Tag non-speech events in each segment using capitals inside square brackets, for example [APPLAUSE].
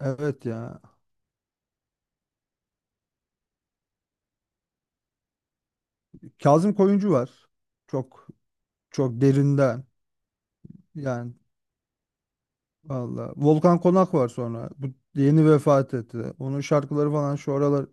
Evet ya. Kazım Koyuncu var. Çok çok derinden. Yani valla, Volkan Konak var sonra. Bu yeni vefat etti. Onun şarkıları falan şu aralar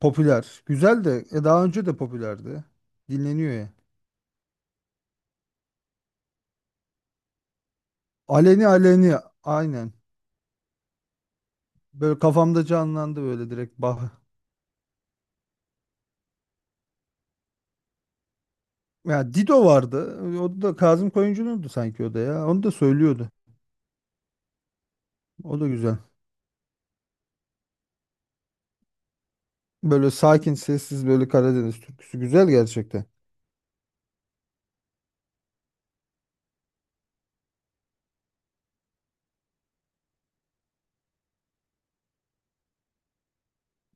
popüler. Güzel de daha önce de popülerdi. Dinleniyor ya. Aleni Aleni, aynen. Böyle kafamda canlandı böyle direkt. Bah. Ya Dido vardı. O da Kazım Koyuncu'nundu sanki o da ya. Onu da söylüyordu. O da güzel. Böyle sakin, sessiz böyle Karadeniz türküsü güzel gerçekten.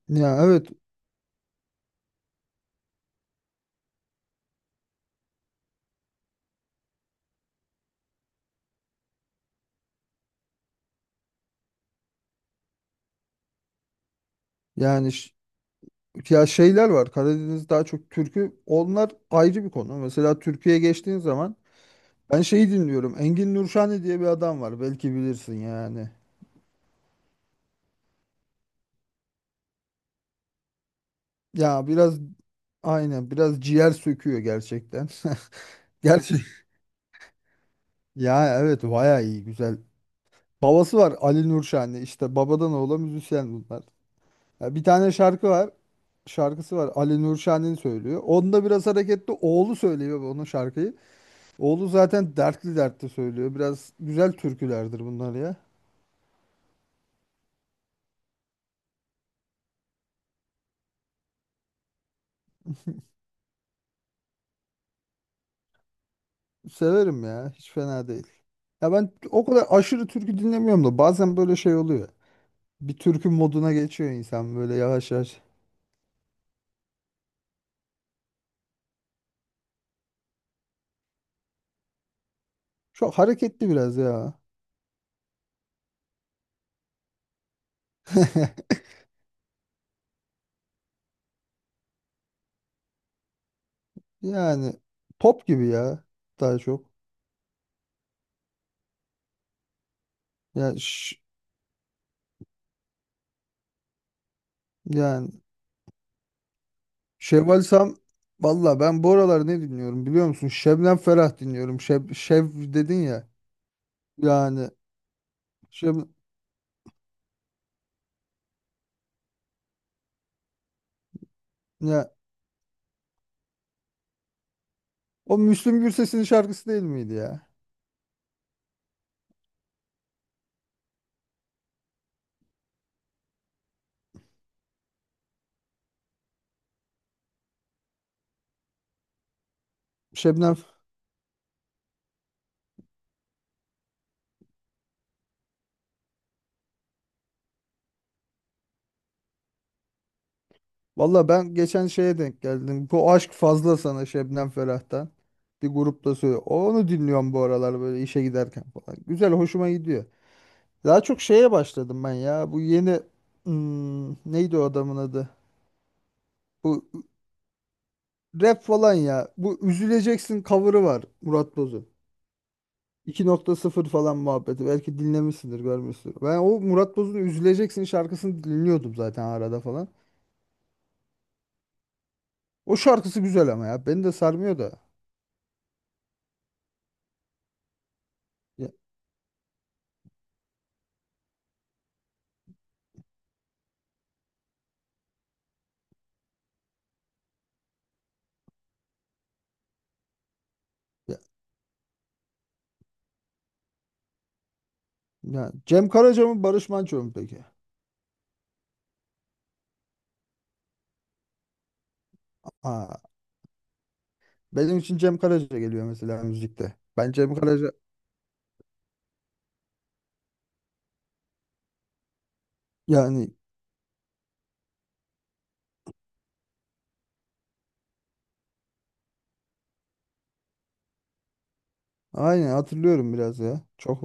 Ya evet. yani ş- Ya şeyler var. Karadeniz daha çok türkü. Onlar ayrı bir konu. Mesela Türkiye'ye geçtiğin zaman ben şeyi dinliyorum. Engin Nurşani diye bir adam var. Belki bilirsin yani. Ya biraz, aynen, biraz ciğer söküyor gerçekten. [LAUGHS] Gerçek. Ya evet, bayağı iyi, güzel. Babası var, Ali Nurşani. İşte babadan oğula müzisyen bunlar. Ya bir tane şarkı var. Şarkısı var. Ali Nurşani söylüyor. Onda biraz hareketli, oğlu söylüyor onun şarkıyı. Oğlu zaten dertli dertli söylüyor. Biraz güzel türkülerdir bunlar ya. Severim ya. Hiç fena değil. Ya ben o kadar aşırı türkü dinlemiyorum da bazen böyle şey oluyor. Bir türkü moduna geçiyor insan böyle yavaş yavaş. Çok hareketli biraz ya. [LAUGHS] Yani pop gibi ya, daha çok. Ya ş- Yani Şevval Sam. Valla ben bu aralar ne dinliyorum biliyor musun? Şebnem Ferah dinliyorum. Şev dedin ya. Yani Şeb O Müslüm Gürses'in şarkısı değil miydi ya? Şebnem. Valla ben geçen şeye denk geldim: Bu aşk fazla sana, Şebnem Ferah'tan. Bir grupta söylüyor. Onu dinliyorum bu aralar böyle işe giderken falan. Güzel, hoşuma gidiyor. Daha çok şeye başladım ben ya. Bu yeni neydi o adamın adı? Bu rap falan ya. Bu Üzüleceksin cover'ı var Murat Boz'un. 2.0 falan muhabbeti. Belki dinlemişsindir, görmüşsündür. Ben o Murat Boz'un Üzüleceksin şarkısını dinliyordum zaten arada falan. O şarkısı güzel ama ya. Beni de sarmıyor da. Ya, ya- ya Cem Karaca mı Barış Manço mu peki? Aa, benim için Cem Karaca geliyor mesela müzikte. Ben Cem Karaca, yani aynen, hatırlıyorum biraz ya. Çok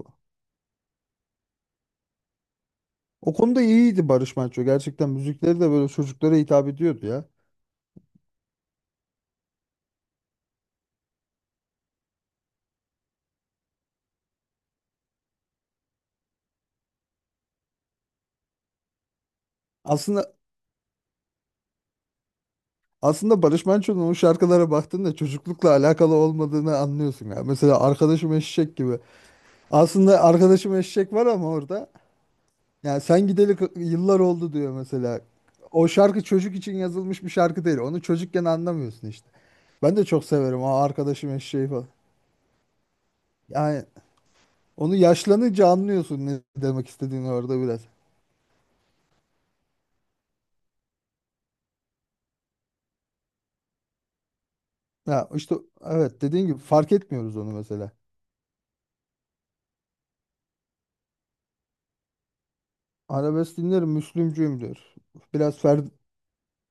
o konuda iyiydi Barış Manço. Gerçekten müzikleri de böyle çocuklara hitap ediyordu ya. Aslında aslında Barış Manço'nun o şarkılara baktığında çocuklukla alakalı olmadığını anlıyorsun ya. Mesela Arkadaşım Eşek gibi. Aslında Arkadaşım Eşek var ama orada yani sen gideli yıllar oldu diyor mesela. O şarkı çocuk için yazılmış bir şarkı değil. Onu çocukken anlamıyorsun işte. Ben de çok severim o arkadaşım eşeği falan. Yani onu yaşlanınca anlıyorsun ne demek istediğini orada biraz. Ya işte evet, dediğin gibi fark etmiyoruz onu mesela. Arabesk dinlerim, Müslümcüyüm diyor. Biraz Ferdi,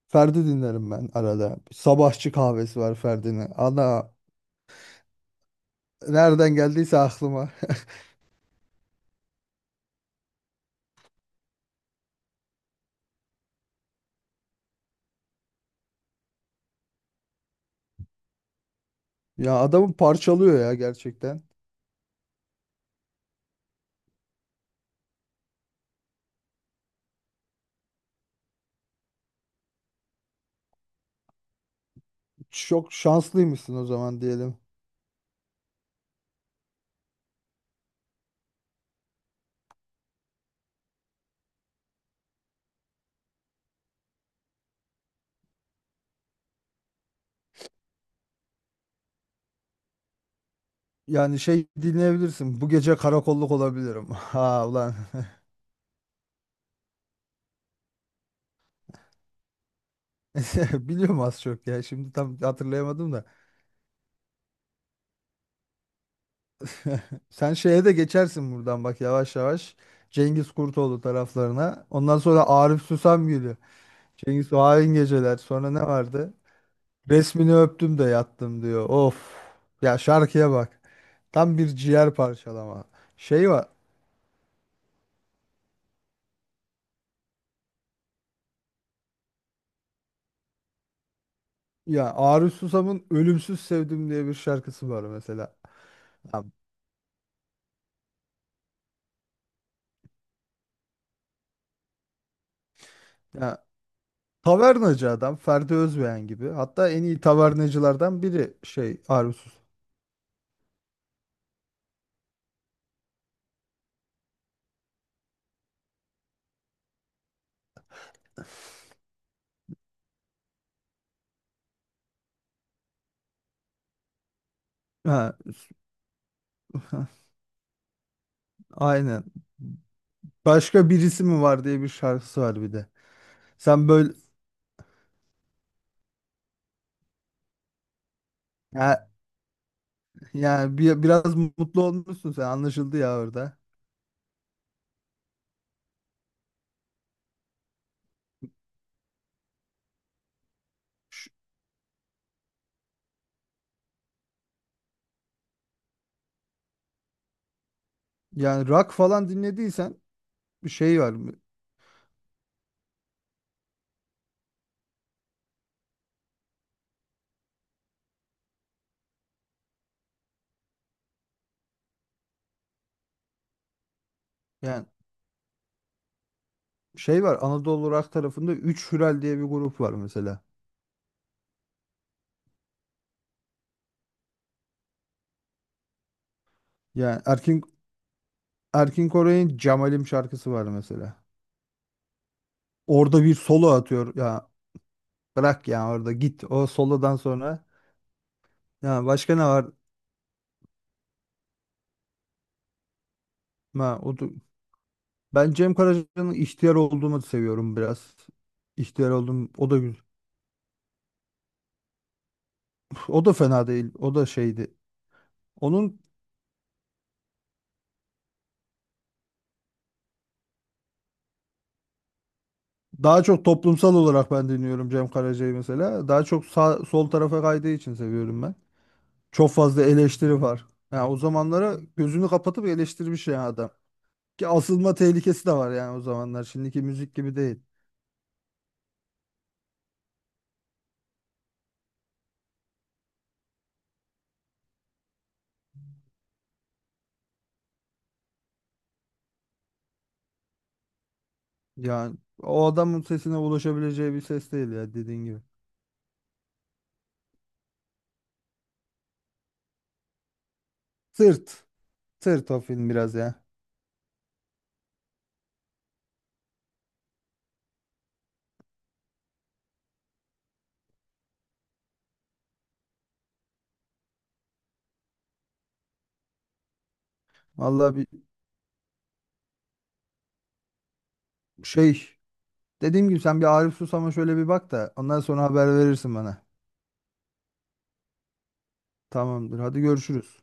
Ferdi dinlerim ben arada. Sabahçı kahvesi var Ferdi'nin. Ana nereden geldiyse aklıma. [LAUGHS] Ya adamı parçalıyor ya gerçekten. Çok şanslıymışsın o zaman diyelim. Yani şey dinleyebilirsin: bu gece karakolluk olabilirim. [LAUGHS] Ha ulan. [LAUGHS] Biliyorum az çok ya. Şimdi tam hatırlayamadım da. Sen şeye de geçersin buradan bak yavaş yavaş. Cengiz Kurtoğlu taraflarına. Ondan sonra Arif Susam geliyor. Cengiz, o hain geceler. Sonra ne vardı? Resmini öptüm de yattım diyor. Of. Ya şarkıya bak. Tam bir ciğer parçalama. Şey var. Ya Arif Susam'ın Ölümsüz Sevdim diye bir şarkısı var mesela. Ya, ya, tavernacı adam, Ferdi Özbeğen gibi. Hatta en iyi tavernacılardan biri şey, Arsus. Ha, [LAUGHS] aynen. Başka birisi mi var diye bir şarkısı var bir de. Sen böyle, ya, yani bir, biraz mutlu olmuşsun sen, anlaşıldı ya orada. Ş- Yani rock falan dinlediysen bir şey var mı? Yani şey var, Anadolu Rock tarafında 3 Hürel diye bir grup var mesela. Yani Erkin Erkin Koray'ın Cemalim şarkısı var mesela. Orada bir solo atıyor. Ya bırak ya, orada git. O solodan sonra. Ya başka ne var? Ha, o da- Ben Cem Karaca'nın ihtiyar olduğumu seviyorum biraz. İhtiyar Oldum. O da güzel. O da fena değil. O da şeydi. Onun daha çok toplumsal olarak ben dinliyorum Cem Karaca'yı mesela. Daha çok sağ, sol tarafa kaydığı için seviyorum ben. Çok fazla eleştiri var. Yani o zamanlara gözünü kapatıp eleştirmiş ya adam. Ki asılma tehlikesi de var yani o zamanlar. Şimdiki müzik gibi değil. Yani o adamın sesine ulaşabileceği bir ses değil ya, dediğin gibi. Sırt. Sırt o film biraz ya. Vallahi bir şey. Dediğim gibi, sen bir Arif Susam'a şöyle bir bak da ondan sonra haber verirsin bana. Tamamdır. Hadi görüşürüz.